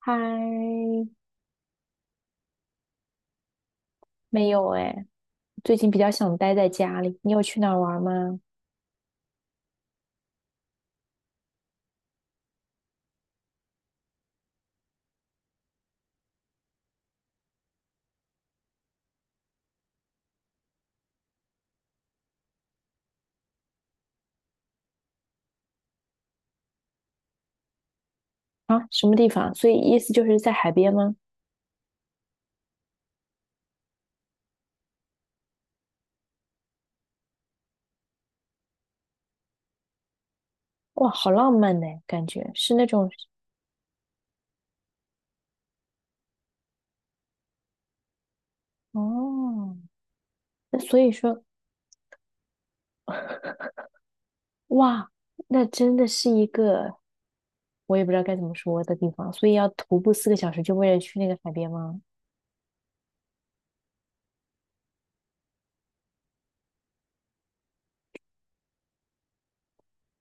嗨，没有哎，最近比较想待在家里。你有去哪儿玩吗？啊，什么地方？所以意思就是在海边吗？哇，好浪漫呢，感觉是那种哦。那所以说，哇，那真的是一个我也不知道该怎么说的地方。所以要徒步四个小时，就为了去那个海边吗？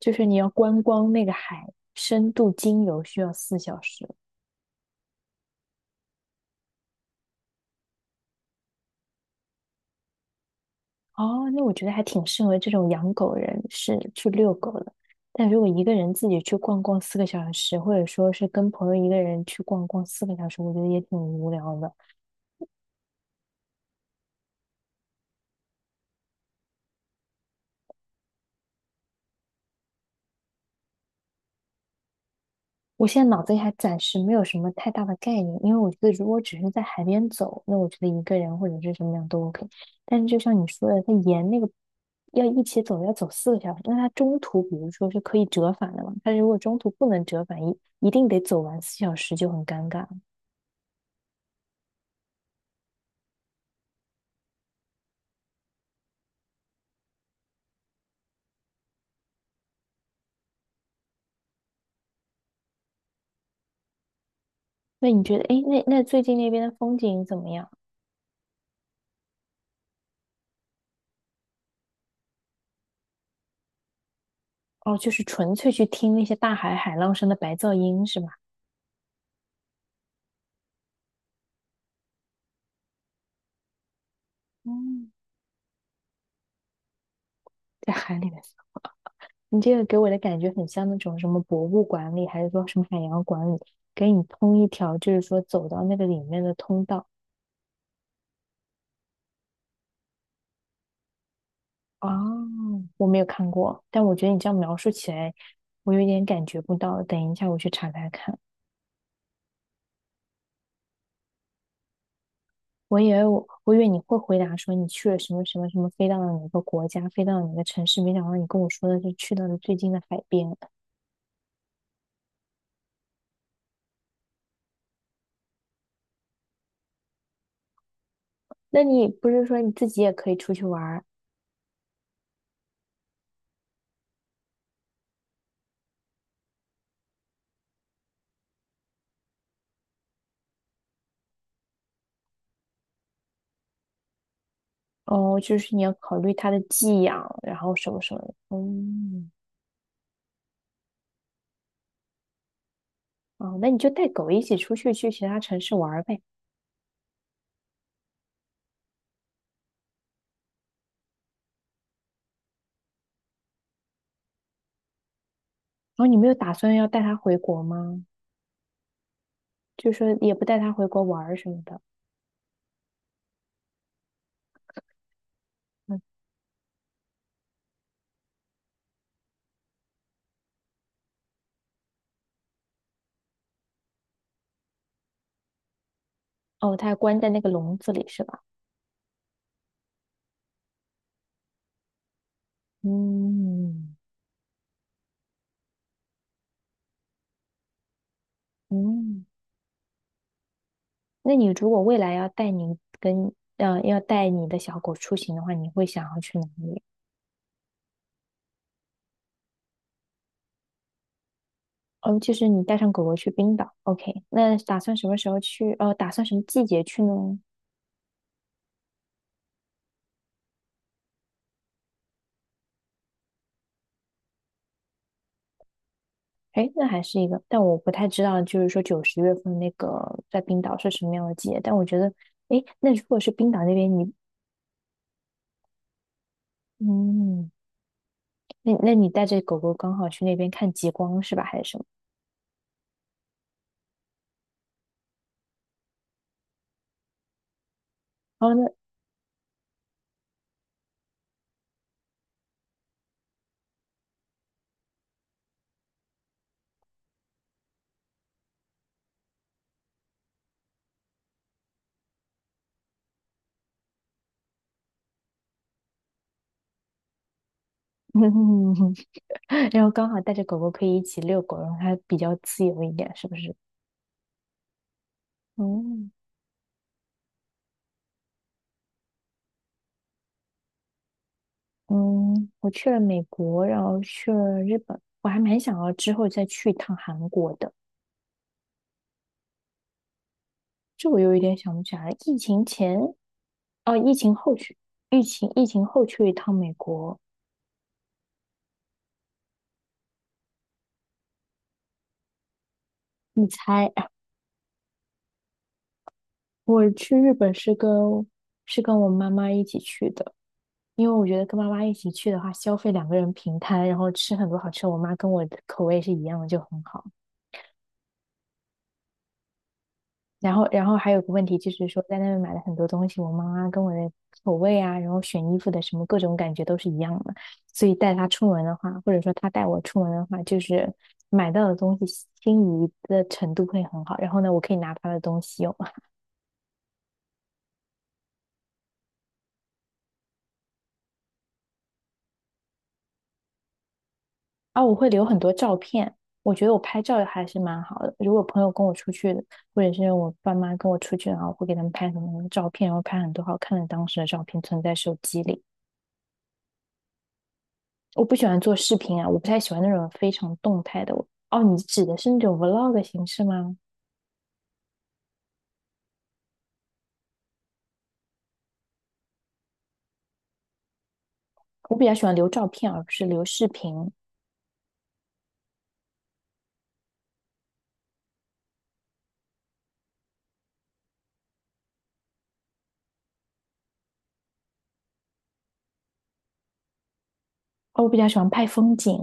就是你要观光那个海，深度精游需要四小时。哦，那我觉得还挺适合这种养狗人士去遛狗的。但如果一个人自己去逛逛四个小时，或者说是跟朋友一个人去逛逛四个小时，我觉得也挺无聊的。我现在脑子里还暂时没有什么太大的概念，因为我觉得如果只是在海边走，那我觉得一个人或者是什么样都 OK。但是就像你说的，他沿那个要一起走，要走四个小时，那他中途比如说是可以折返的嘛？他如果中途不能折返，一定得走完四小时就很尴尬。那你觉得，哎，那最近那边的风景怎么样？哦，就是纯粹去听那些大海海浪声的白噪音是吗？嗯，在海里面，你这个给我的感觉很像那种什么博物馆里，还是说什么海洋馆里，给你通一条，就是说走到那个里面的通道。哦，我没有看过，但我觉得你这样描述起来，我有点感觉不到。等一下我去查查看。我以为你会回答说你去了什么什么什么，飞到了哪个国家，飞到了哪个城市，没想到你跟我说的是去到了最近的海边。那你不是说你自己也可以出去玩儿？哦，就是你要考虑它的寄养，然后什么什么的。嗯，哦，那你就带狗一起出去去其他城市玩儿呗。然后你没有打算要带它回国吗？就是说也不带它回国玩儿什么的。嗯，哦，它还关在那个笼子里是吧？嗯嗯。那你如果未来要带你跟要带你的小狗出行的话，你会想要去哪里？哦，就是你带上狗狗去冰岛，OK?那打算什么时候去？哦，打算什么季节去呢？诶，那还是一个，但我不太知道，就是说九十月份那个在冰岛是什么样的季节？但我觉得，诶，那如果是冰岛那边，你嗯，那你带着狗狗刚好去那边看极光是吧？还是什么？哦，那 然后刚好带着狗狗可以一起遛狗，然后它比较自由一点，是不是？哦，嗯，我去了美国，然后去了日本，我还蛮想要之后再去一趟韩国的。这我又有一点想不起来了，疫情前，哦，疫情后去，疫情后去一趟美国。你猜，我去日本是跟我妈妈一起去的，因为我觉得跟妈妈一起去的话，消费两个人平摊，然后吃很多好吃的，我妈跟我的口味是一样的，就很好。然后，然后还有个问题就是说，在那边买了很多东西，我妈妈跟我的口味啊，然后选衣服的什么各种感觉都是一样的，所以带她出门的话，或者说她带我出门的话，就是买到的东西心仪的程度会很好。然后呢，我可以拿她的东西用，啊，我会留很多照片，我觉得我拍照还是蛮好的。如果朋友跟我出去，或者是我爸妈跟我出去，然后我会给他们拍很多照片，然后拍很多好看的当时的照片存在手机里。我不喜欢做视频啊，我不太喜欢那种非常动态的。哦，你指的是那种 vlog 的形式吗？我比较喜欢留照片，而不是留视频。哦，我比较喜欢拍风景，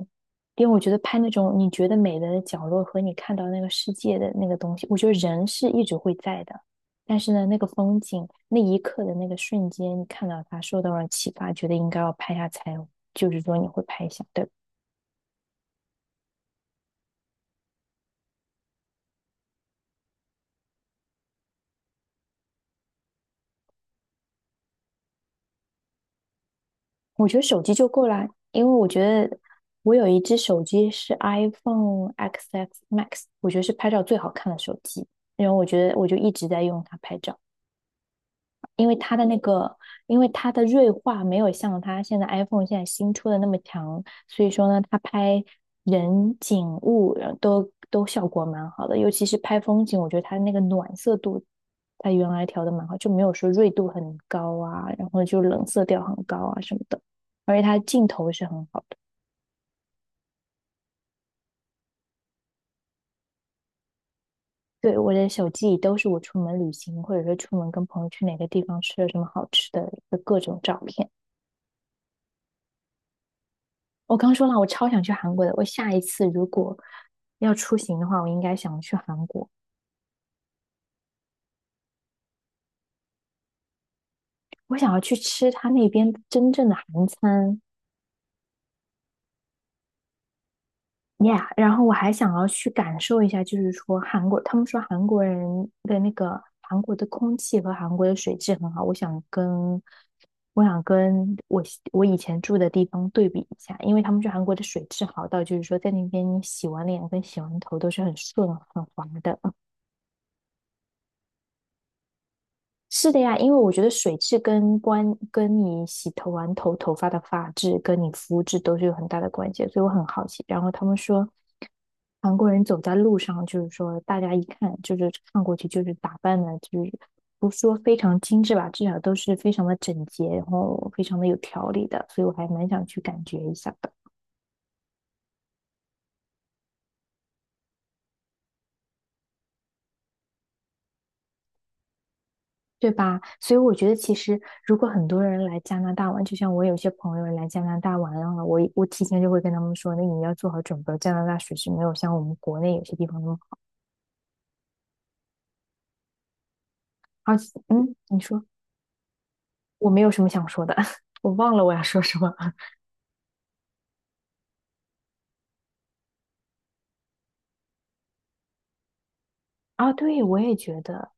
因为我觉得拍那种你觉得美的角落和你看到那个世界的那个东西，我觉得人是一直会在的。但是呢，那个风景，那一刻的那个瞬间，你看到它，受到了启发，觉得应该要拍下才，就是说你会拍下，对吧？我觉得手机就够了，因为我觉得我有一只手机是 iPhone XS Max,我觉得是拍照最好看的手机，然后我觉得我就一直在用它拍照。因为它的那个，因为它的锐化没有像它现在 iPhone 现在新出的那么强，所以说呢，它拍人景物然后都效果蛮好的，尤其是拍风景，我觉得它那个暖色度，它原来调的蛮好，就没有说锐度很高啊，然后就冷色调很高啊什么的，而且它镜头是很好的。对，我的手机里都是我出门旅行，或者说出门跟朋友去哪个地方吃了什么好吃的的各种照片。我刚说了，我超想去韩国的。我下一次如果要出行的话，我应该想去韩国。我想要去吃他那边真正的韩餐，yeah。然后我还想要去感受一下，就是说韩国，他们说韩国人的那个韩国的空气和韩国的水质很好。我想跟我我以前住的地方对比一下，因为他们说韩国的水质好到，就是说在那边你洗完脸跟洗完头都是很顺很滑的。是的呀，因为我觉得水质跟关跟你洗头完头头发的发质跟你肤质都是有很大的关系，所以我很好奇。然后他们说韩国人走在路上，就是说大家一看就是看过去就是打扮的，就是不说非常精致吧，至少都是非常的整洁，然后非常的有条理的，所以我还蛮想去感觉一下的。对吧？所以我觉得，其实如果很多人来加拿大玩，就像我有些朋友来加拿大玩了，我提前就会跟他们说，那你要做好准备，加拿大水是没有像我们国内有些地方那么好。而且，嗯，你说我没有什么想说的，我忘了我要说什么啊？对，我也觉得。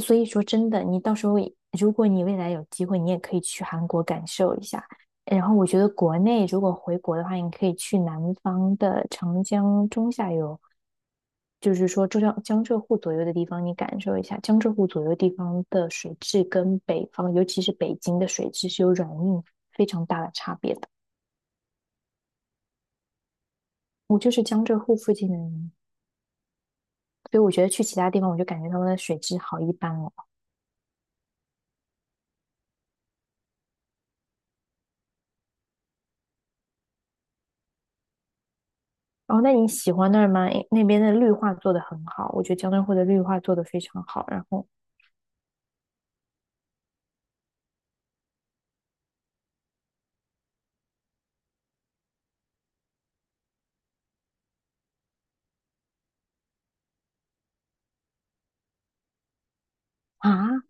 所以说真的，你到时候如果你未来有机会，你也可以去韩国感受一下。然后我觉得国内如果回国的话，你可以去南方的长江中下游，就是说浙江江浙沪左右的地方，你感受一下江浙沪左右地方的水质跟北方，尤其是北京的水质是有软硬非常大的差别的。我就是江浙沪附近的人，所以我觉得去其他地方，我就感觉他们的水质好一般哦。哦，那你喜欢那儿吗？诶那边的绿化做得很好，我觉得江浙沪的绿化做得非常好。然后啊，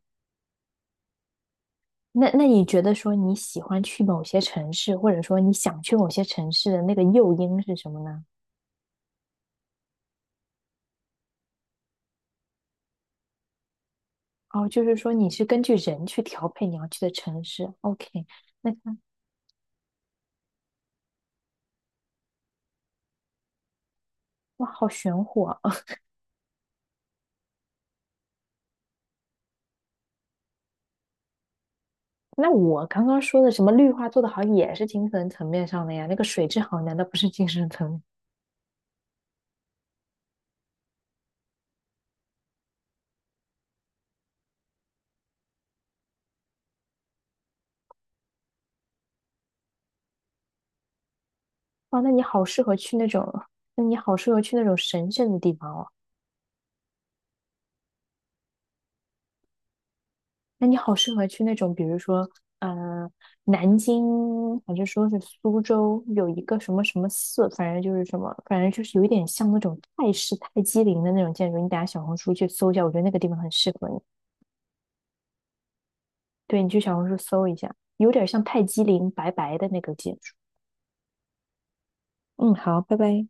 那你觉得说你喜欢去某些城市，或者说你想去某些城市的那个诱因是什么呢？哦，就是说你是根据人去调配你要去的城市。OK,那哇，好玄乎啊！那我刚刚说的什么绿化做得好，也是精神层面上的呀。那个水质好，难道不是精神层面？哇，那你好适合去那种，那你好适合去那种神圣的地方哦。那你好适合去那种，比如说，呃，南京还是说是苏州，有一个什么什么寺，反正就是什么，反正就是有一点像那种泰式泰姬陵的那种建筑。你等下小红书去搜一下，我觉得那个地方很适合你。对，你去小红书搜一下，有点像泰姬陵白白的那个建筑。嗯，好，拜拜。